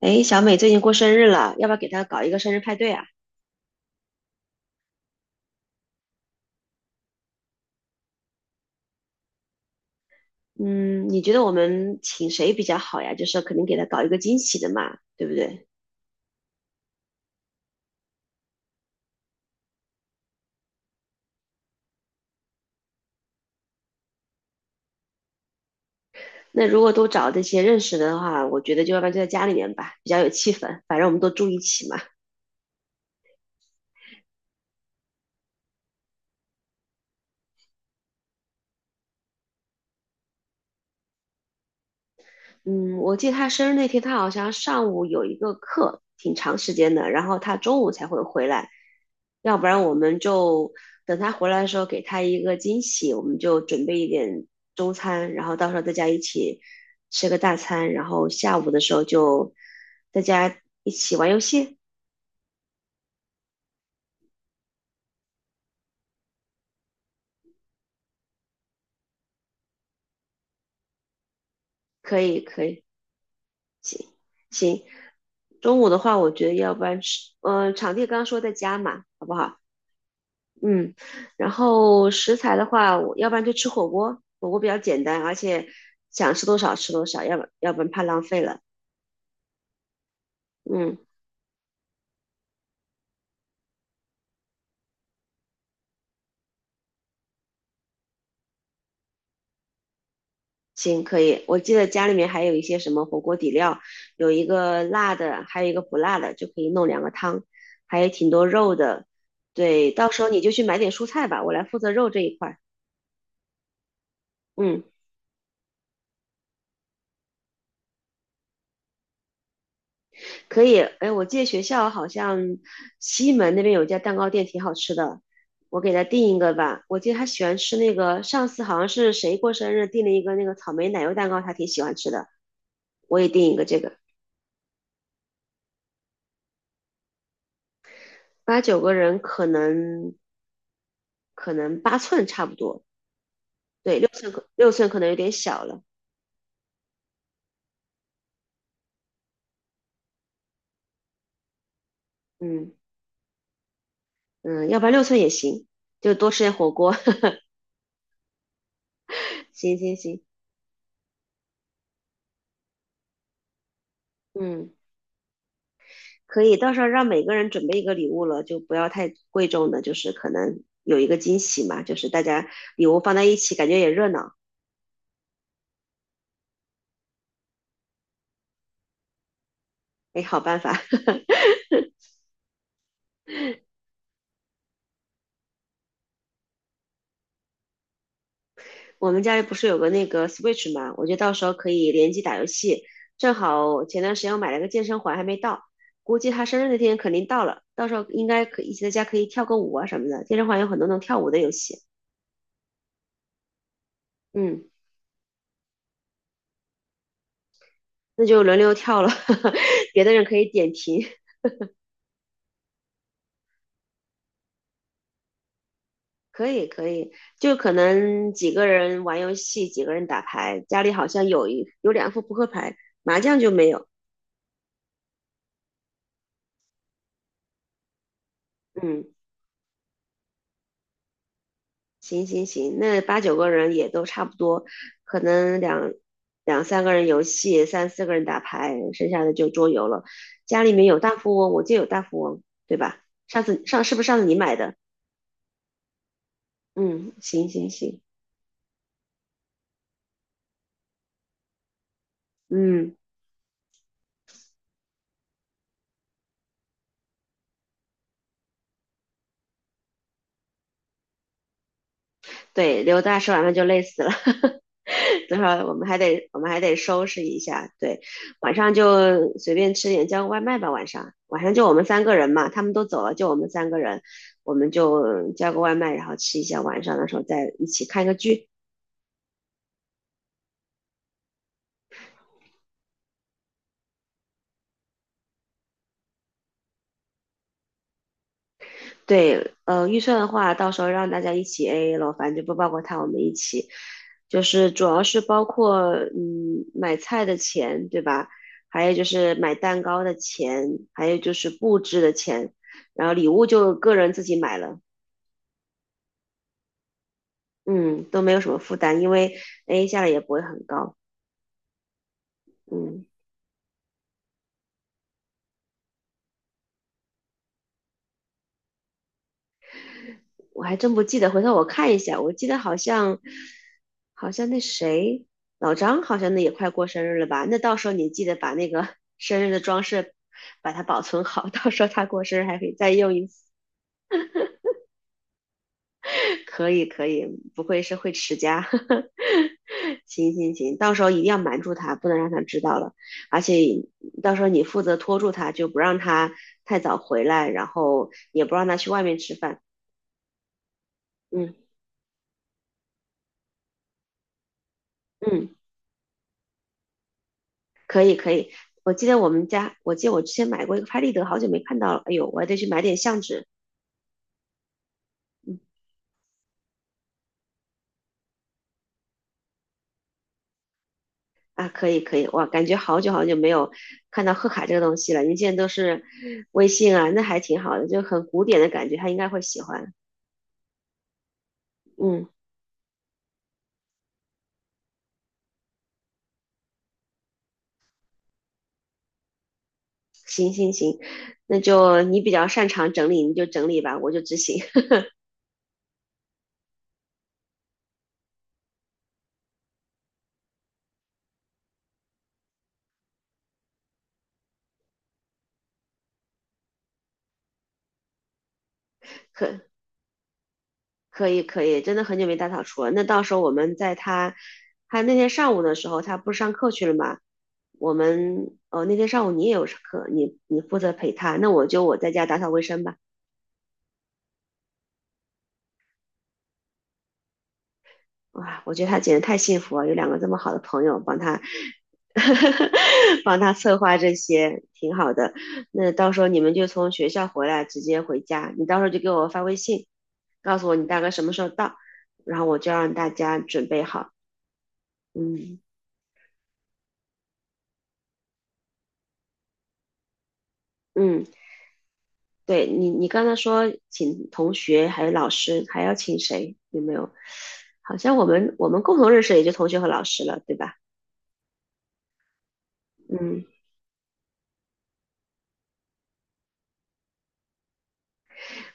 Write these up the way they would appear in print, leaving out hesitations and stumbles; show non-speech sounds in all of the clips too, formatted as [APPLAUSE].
诶，小美最近过生日了，要不要给她搞一个生日派对啊？嗯，你觉得我们请谁比较好呀？就是肯定给她搞一个惊喜的嘛，对不对？那如果都找这些认识的话，我觉得就要不然就在家里面吧，比较有气氛，反正我们都住一起嘛。嗯，我记得他生日那天，他好像上午有一个课，挺长时间的，然后他中午才会回来，要不然我们就等他回来的时候给他一个惊喜，我们就准备一点中餐，然后到时候大家一起吃个大餐，然后下午的时候就大家一起玩游戏，可以，可以，行，行。中午的话，我觉得要不然吃，场地刚刚说在家嘛，好不好？嗯，然后食材的话，我要不然就吃火锅，火锅比较简单，而且想吃多少吃多少，要不然怕浪费了。嗯，行，可以。我记得家里面还有一些什么火锅底料，有一个辣的，还有一个不辣的，就可以弄两个汤，还有挺多肉的。对，到时候你就去买点蔬菜吧，我来负责肉这一块儿。嗯，可以，哎，我记得学校好像西门那边有一家蛋糕店挺好吃的，我给他订一个吧。我记得他喜欢吃那个，上次好像是谁过生日订了一个那个草莓奶油蛋糕，他挺喜欢吃的，我也订一个这个。八九个人可能可能八寸差不多，对，六寸可能有点小了，嗯嗯，要不然六寸也行，就多吃点火锅。[LAUGHS] 行行行，嗯。可以，到时候让每个人准备一个礼物了，就不要太贵重的，就是可能有一个惊喜嘛，就是大家礼物放在一起，感觉也热闹。哎，好办法。[LAUGHS] 我们家里不是有个那个 Switch 嘛，我觉得到时候可以联机打游戏。正好前段时间我买了个健身环，还没到，估计他生日那天肯定到了，到时候应该可以一起在家可以跳个舞啊什么的。健身环有很多能跳舞的游戏，嗯，那就轮流跳了，[LAUGHS] 别的人可以点评。可以可以，就可能几个人玩游戏，几个人打牌，家里好像有两副扑克牌，麻将就没有。嗯，行行行，那八九个人也都差不多，可能两三个人游戏，三四个人打牌，剩下的就桌游了。家里面有大富翁，我就有大富翁，对吧？上次上是不是上次你买的？嗯，行行行，嗯。对，刘大吃完饭就累死了，[LAUGHS] 等会儿我们还得收拾一下。对，晚上就随便吃点，叫个外卖吧。晚上就我们三个人嘛，他们都走了，就我们三个人，我们就叫个外卖，然后吃一下。晚上的时候再一起看个剧，对，预算的话，到时候让大家一起 AA 咯，反正就不包括他，我们一起，就是主要是包括买菜的钱，对吧？还有就是买蛋糕的钱，还有就是布置的钱，然后礼物就个人自己买了，嗯，都没有什么负担，因为 AA 下来也不会很高，嗯。我还真不记得，回头我看一下。我记得好像，好像那谁，老张好像那也快过生日了吧？那到时候你记得把那个 [LAUGHS] 生日的装饰，把它保存好，到时候他过生日还可以再用一次。[LAUGHS] 可以可以，不愧是会持家。[LAUGHS] 行行行，到时候一定要瞒住他，不能让他知道了。而且到时候你负责拖住他，就不让他太早回来，然后也不让他去外面吃饭。嗯嗯。可以可以，我记得我之前买过一个拍立得，好久没看到了。哎呦，我还得去买点相纸。嗯啊，可以可以，哇，感觉好久没有看到贺卡这个东西了。您现在都是微信啊，那还挺好的，就很古典的感觉，他应该会喜欢。嗯，那就你比较擅长整理，你就整理吧，我就执行。[LAUGHS] 可以可以，真的很久没打扫除了。那到时候我们在他那天上午的时候，他不是上课去了嘛？我们哦，那天上午你也有课，你负责陪他，那我就我在家打扫卫生吧。哇，我觉得他简直太幸福了，有两个这么好的朋友帮他 [LAUGHS] 帮他策划这些，挺好的。那到时候你们就从学校回来直接回家，你到时候就给我发微信，告诉我你大概什么时候到，然后我就让大家准备好。嗯嗯。你刚才说请同学还有老师，还要请谁？有没有？好像我们共同认识也就同学和老师了，对吧？嗯，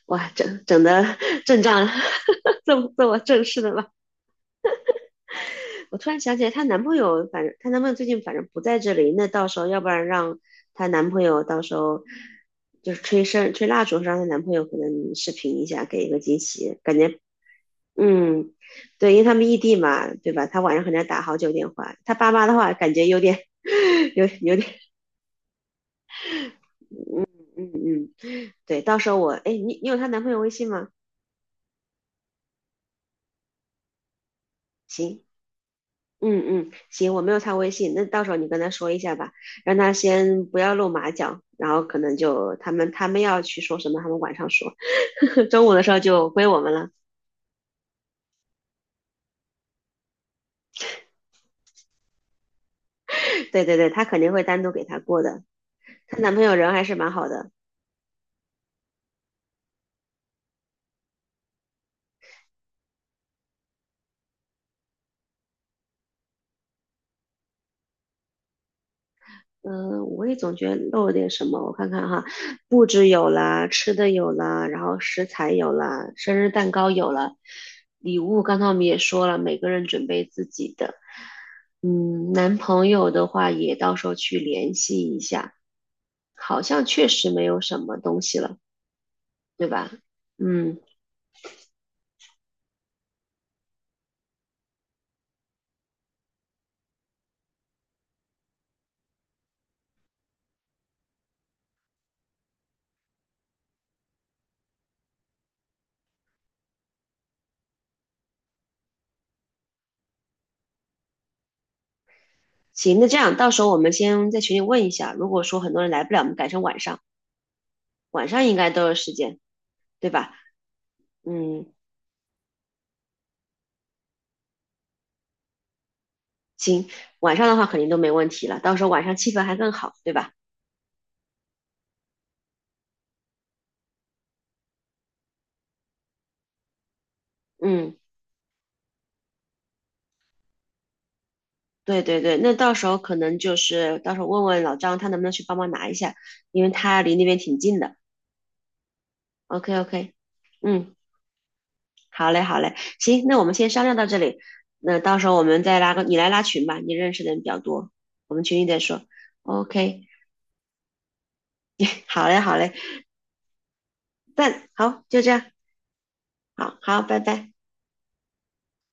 哇，整整的 [LAUGHS] 阵仗，[LAUGHS] 这么正式的吗？我突然想起来，她男朋友，反正她男朋友最近反正不在这里，那到时候要不然让她男朋友到时候就是吹蜡烛，让她男朋友可能视频一下，给一个惊喜，感觉嗯，对，因为他们异地嘛，对吧？他晚上可能要打好久电话。他爸妈的话，感觉有点，[LAUGHS] 有点，嗯嗯，对。到时候我，哎，你有她男朋友微信吗？行，嗯嗯，行，我没有她微信，那到时候你跟她说一下吧，让她先不要露马脚，然后可能就他们要去说什么，他们晚上说，[LAUGHS] 中午的时候就归我们了。对对对，她肯定会单独给他过的。她男朋友人还是蛮好的，嗯，我也总觉得漏了点什么，我看看哈，布置有了，吃的有了，然后食材有了，生日蛋糕有了，礼物刚才我们也说了，每个人准备自己的。嗯，男朋友的话也到时候去联系一下，好像确实没有什么东西了，对吧？嗯，行，那这样到时候我们先在群里问一下，如果说很多人来不了，我们改成晚上，晚上应该都有时间，对吧？嗯。行，晚上的话肯定都没问题了，到时候晚上气氛还更好，对吧？嗯，对对对，那到时候可能到时候问问老张他能不能去帮忙拿一下，因为他离那边挺近的。OK OK，嗯，好嘞好嘞，行，那我们先商量到这里，那到时候我们再拉个你来拉群吧，你认识的人比较多，我们群里再说。OK，好嘞好嘞，但好就这样，好好，拜拜。